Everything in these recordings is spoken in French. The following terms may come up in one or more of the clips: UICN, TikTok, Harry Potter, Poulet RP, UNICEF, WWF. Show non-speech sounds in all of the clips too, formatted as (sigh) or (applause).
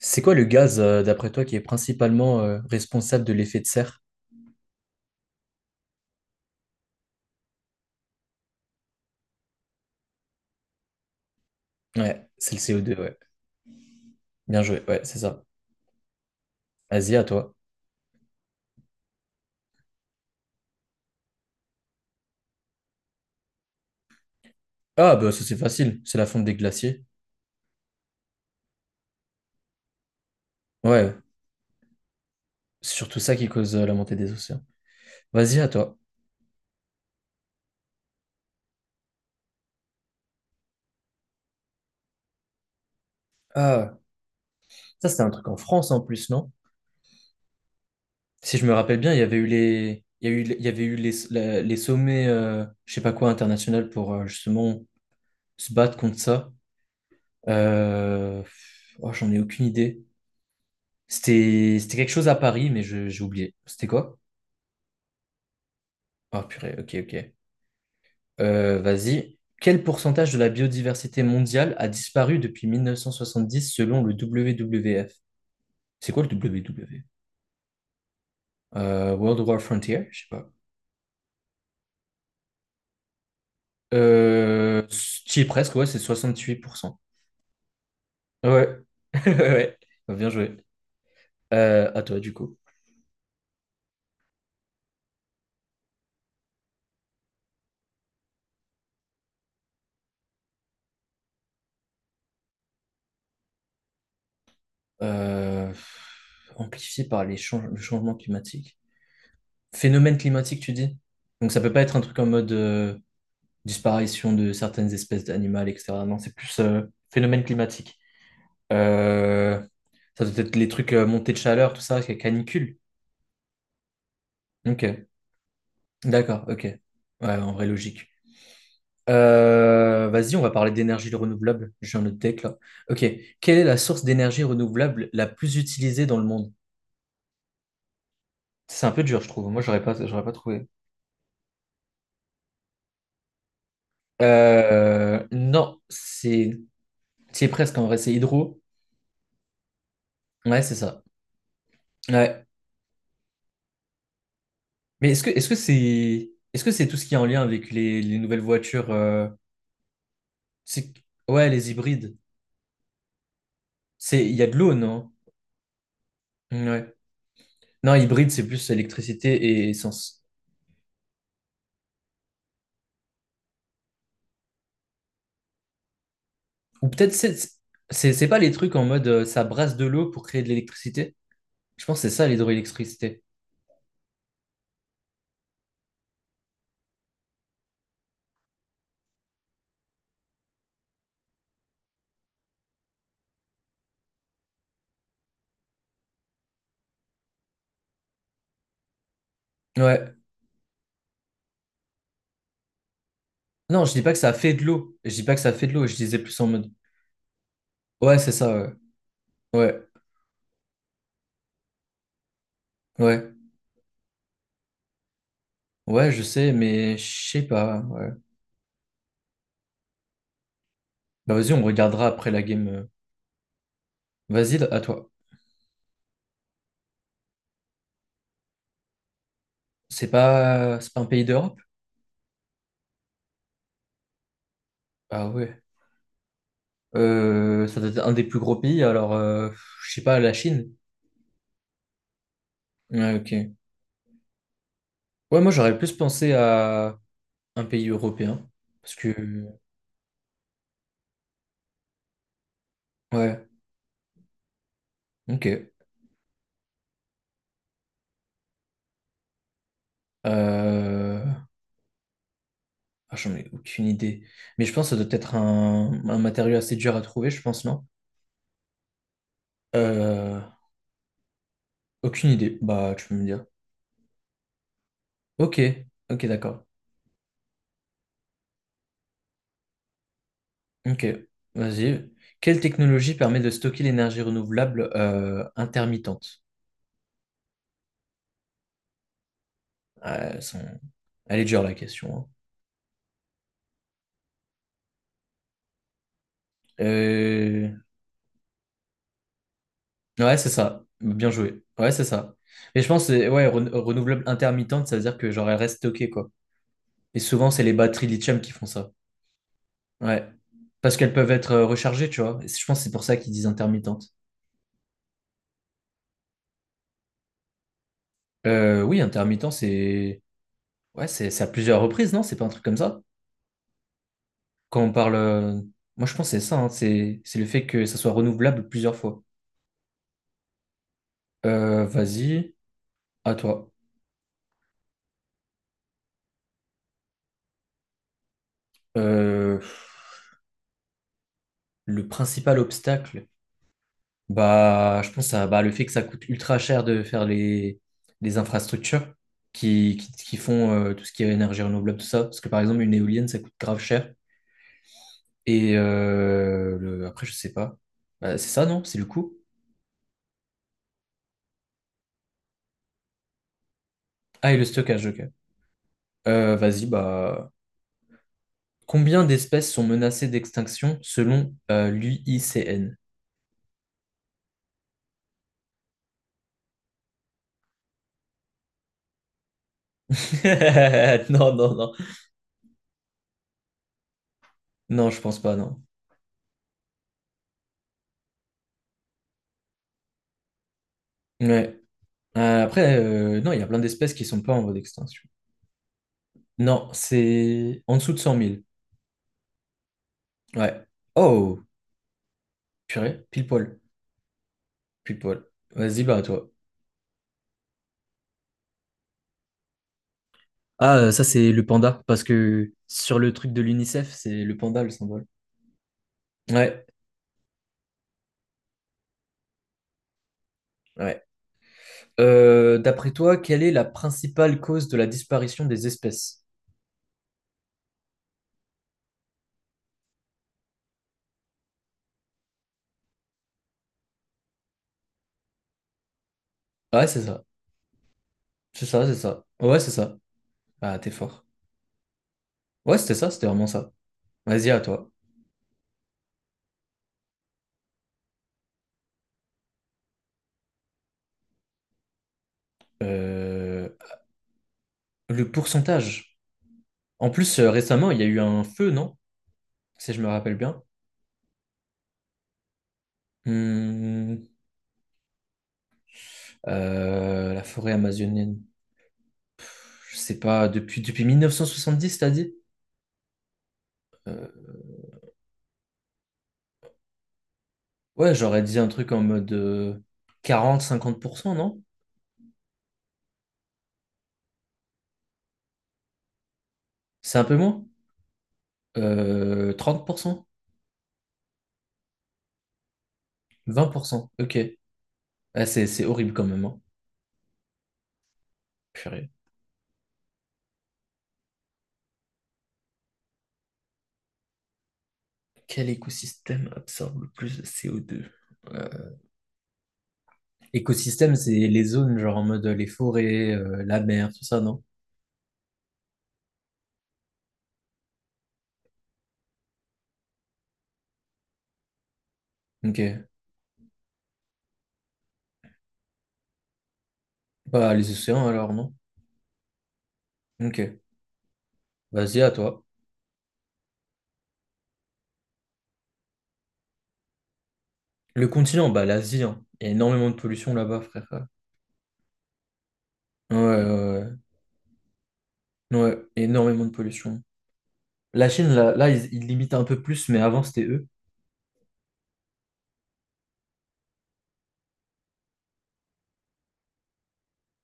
C'est quoi le gaz, d'après toi, qui est principalement responsable de l'effet de serre? Ouais, c'est le CO2, ouais. Bien joué, ouais, c'est ça. Vas-y, à toi. Ah, bah ça c'est facile, c'est la fonte des glaciers. Ouais, c'est surtout ça qui cause la montée des océans. Vas-y, à toi. Ah, ça c'était un truc en France en plus, non? Si je me rappelle bien, il y avait eu les, il y a eu, il y avait eu les, la- les sommets, je sais pas quoi, international pour justement se battre contre ça. Euh, oh, j'en ai aucune idée. C'était quelque chose à Paris, mais j'ai oublié. C'était quoi? Ah purée, ok, ok. Vas-y. Quel pourcentage de la biodiversité mondiale a disparu depuis 1970 selon le WWF? C'est quoi le WWF? World War Frontier? Je sais pas. Euh, qui est presque, ouais, c'est 68%. Ouais. (laughs) Ouais. Bah, bien joué. À toi, du coup. Euh, Amplifié par les le changement climatique. Phénomène climatique, tu dis? Donc ça peut pas être un truc en mode disparition de certaines espèces d'animales, etc. Non, c'est plus phénomène climatique. Euh, Ça doit être les trucs montée de chaleur, tout ça, canicule. Ok, d'accord, ok. Ouais, en vrai, logique. Vas-y, on va parler d'énergie renouvelable. J'ai un autre deck là. Ok, quelle est la source d'énergie renouvelable la plus utilisée dans le monde? C'est un peu dur, je trouve. Moi, j'aurais pas trouvé. Non, c'est presque en vrai, c'est hydro. Ouais, c'est ça. Ouais. Mais est-ce que c'est tout ce qui est en lien avec les nouvelles voitures, c'est ouais les hybrides, c'est il y a de l'eau, non? Ouais, non, hybride c'est plus électricité et essence, ou peut-être c'est c'est pas les trucs en mode ça brasse de l'eau pour créer de l'électricité. Je pense que c'est ça l'hydroélectricité. Ouais, non, je dis pas que ça fait de l'eau, je dis pas que ça fait de l'eau, je disais plus en mode ouais, c'est ça, ouais ouais. Ouais, ouais, je sais mais je sais pas, ouais. Bah vas-y, on regardera après la game. Vas-y, à toi. C'est pas un pays d'Europe? Ah ouais. Ça doit être un des plus gros pays, alors, je sais pas, la Chine. Ouais, ok. Ouais, moi j'aurais plus pensé à un pays européen. Parce que. Ouais, ok. Euh... ah, j'en ai aucune idée. Mais je pense que ça doit être un matériau assez dur à trouver, je pense, non? Euh... Aucune idée. Bah, tu peux me dire. Ok, ok, d'accord. Ok, vas-y. Quelle technologie permet de stocker l'énergie renouvelable intermittente? Ah, elle est dure la question. Hein. Ouais, c'est ça. Bien joué. Ouais, c'est ça. Mais je pense que ouais, renouvelable intermittente, ça veut dire que genre elle reste stockée, quoi. Et souvent, c'est les batteries lithium qui font ça. Ouais. Parce qu'elles peuvent être rechargées, tu vois. Et je pense que c'est pour ça qu'ils disent intermittente. Oui, intermittent, c'est. Ouais, c'est à plusieurs reprises, non? C'est pas un truc comme ça? Quand on parle. Moi, je pense que c'est ça, hein. C'est le fait que ça soit renouvelable plusieurs fois. Vas-y, à toi. Euh, Le principal obstacle, bah, je pense à bah, le fait que ça coûte ultra cher de faire les infrastructures qui font tout ce qui est énergie renouvelable, tout ça. Parce que par exemple, une éolienne, ça coûte grave cher. Et après, je sais pas. Bah, c'est ça, non? C'est le coût? Ah, et le stockage, ok. Vas-y, bah. Combien d'espèces sont menacées d'extinction selon l'UICN? (laughs) Non, non, non. Non, je pense pas, non. Ouais. Après, non, il y a plein d'espèces qui sont pas en voie d'extinction. Non, c'est en dessous de 100 000. Ouais. Oh, purée, pile poil, pile poil. Vas-y, bah, à toi. Ah, ça, c'est le panda, parce que sur le truc de l'UNICEF, c'est le panda le symbole. Ouais, ouais. D'après toi, quelle est la principale cause de la disparition des espèces? Ah, ouais, c'est ça. C'est ça, c'est ça. Ouais, c'est ça. Ah, t'es fort. Ouais, c'était ça, c'était vraiment ça. Vas-y, à toi. Euh, le pourcentage. En plus, récemment, il y a eu un feu, non? Si je me rappelle bien. Hmm, la forêt amazonienne, je sais pas, depuis 1970, t'as dit? Euh, ouais, j'aurais dit un truc en mode 40-50%, non? C'est un peu moins? 30%? 20%? Ok. Ah, c'est horrible quand même, hein. Purée. Quel écosystème absorbe le plus de CO2? Euh, Écosystème, c'est les zones, genre en mode les forêts, la mer, tout ça, non? Ok. Bah, les océans alors, non? Ok. Vas-y, à toi. Le continent, bah l'Asie, hein. Il y a énormément de pollution là-bas, frère. Ouais, ouais, ouais. Ouais, énormément de pollution. La Chine, là, là, ils limitent un peu plus, mais avant, c'était eux.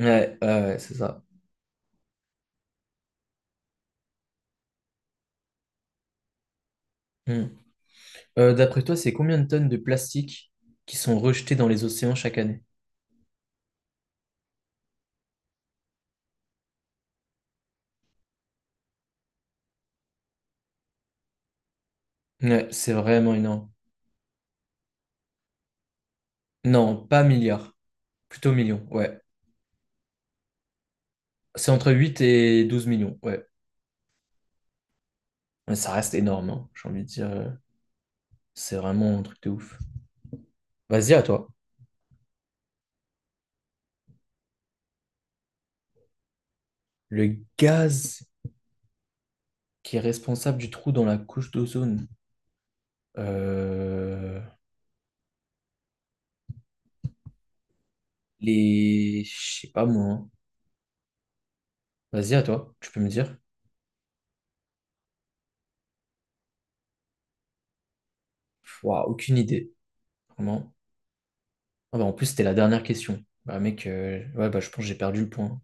Ouais, ouais, ouais, c'est ça. Hmm. D'après toi, c'est combien de tonnes de plastique qui sont rejetées dans les océans chaque année? Ouais, c'est vraiment énorme. Non, pas milliards, plutôt millions, ouais. C'est entre 8 et 12 millions, ouais. Mais ça reste énorme, hein, j'ai envie de dire. C'est vraiment un truc de ouf. Vas-y, à toi. Le gaz qui est responsable du trou dans la couche d'ozone. Euh, Je sais pas, moi. Hein. Vas-y, à toi, tu peux me dire. Ouah, aucune idée, vraiment. Ah bah, en plus, c'était la dernière question. Bah mec, ouais, bah, je pense que j'ai perdu le point.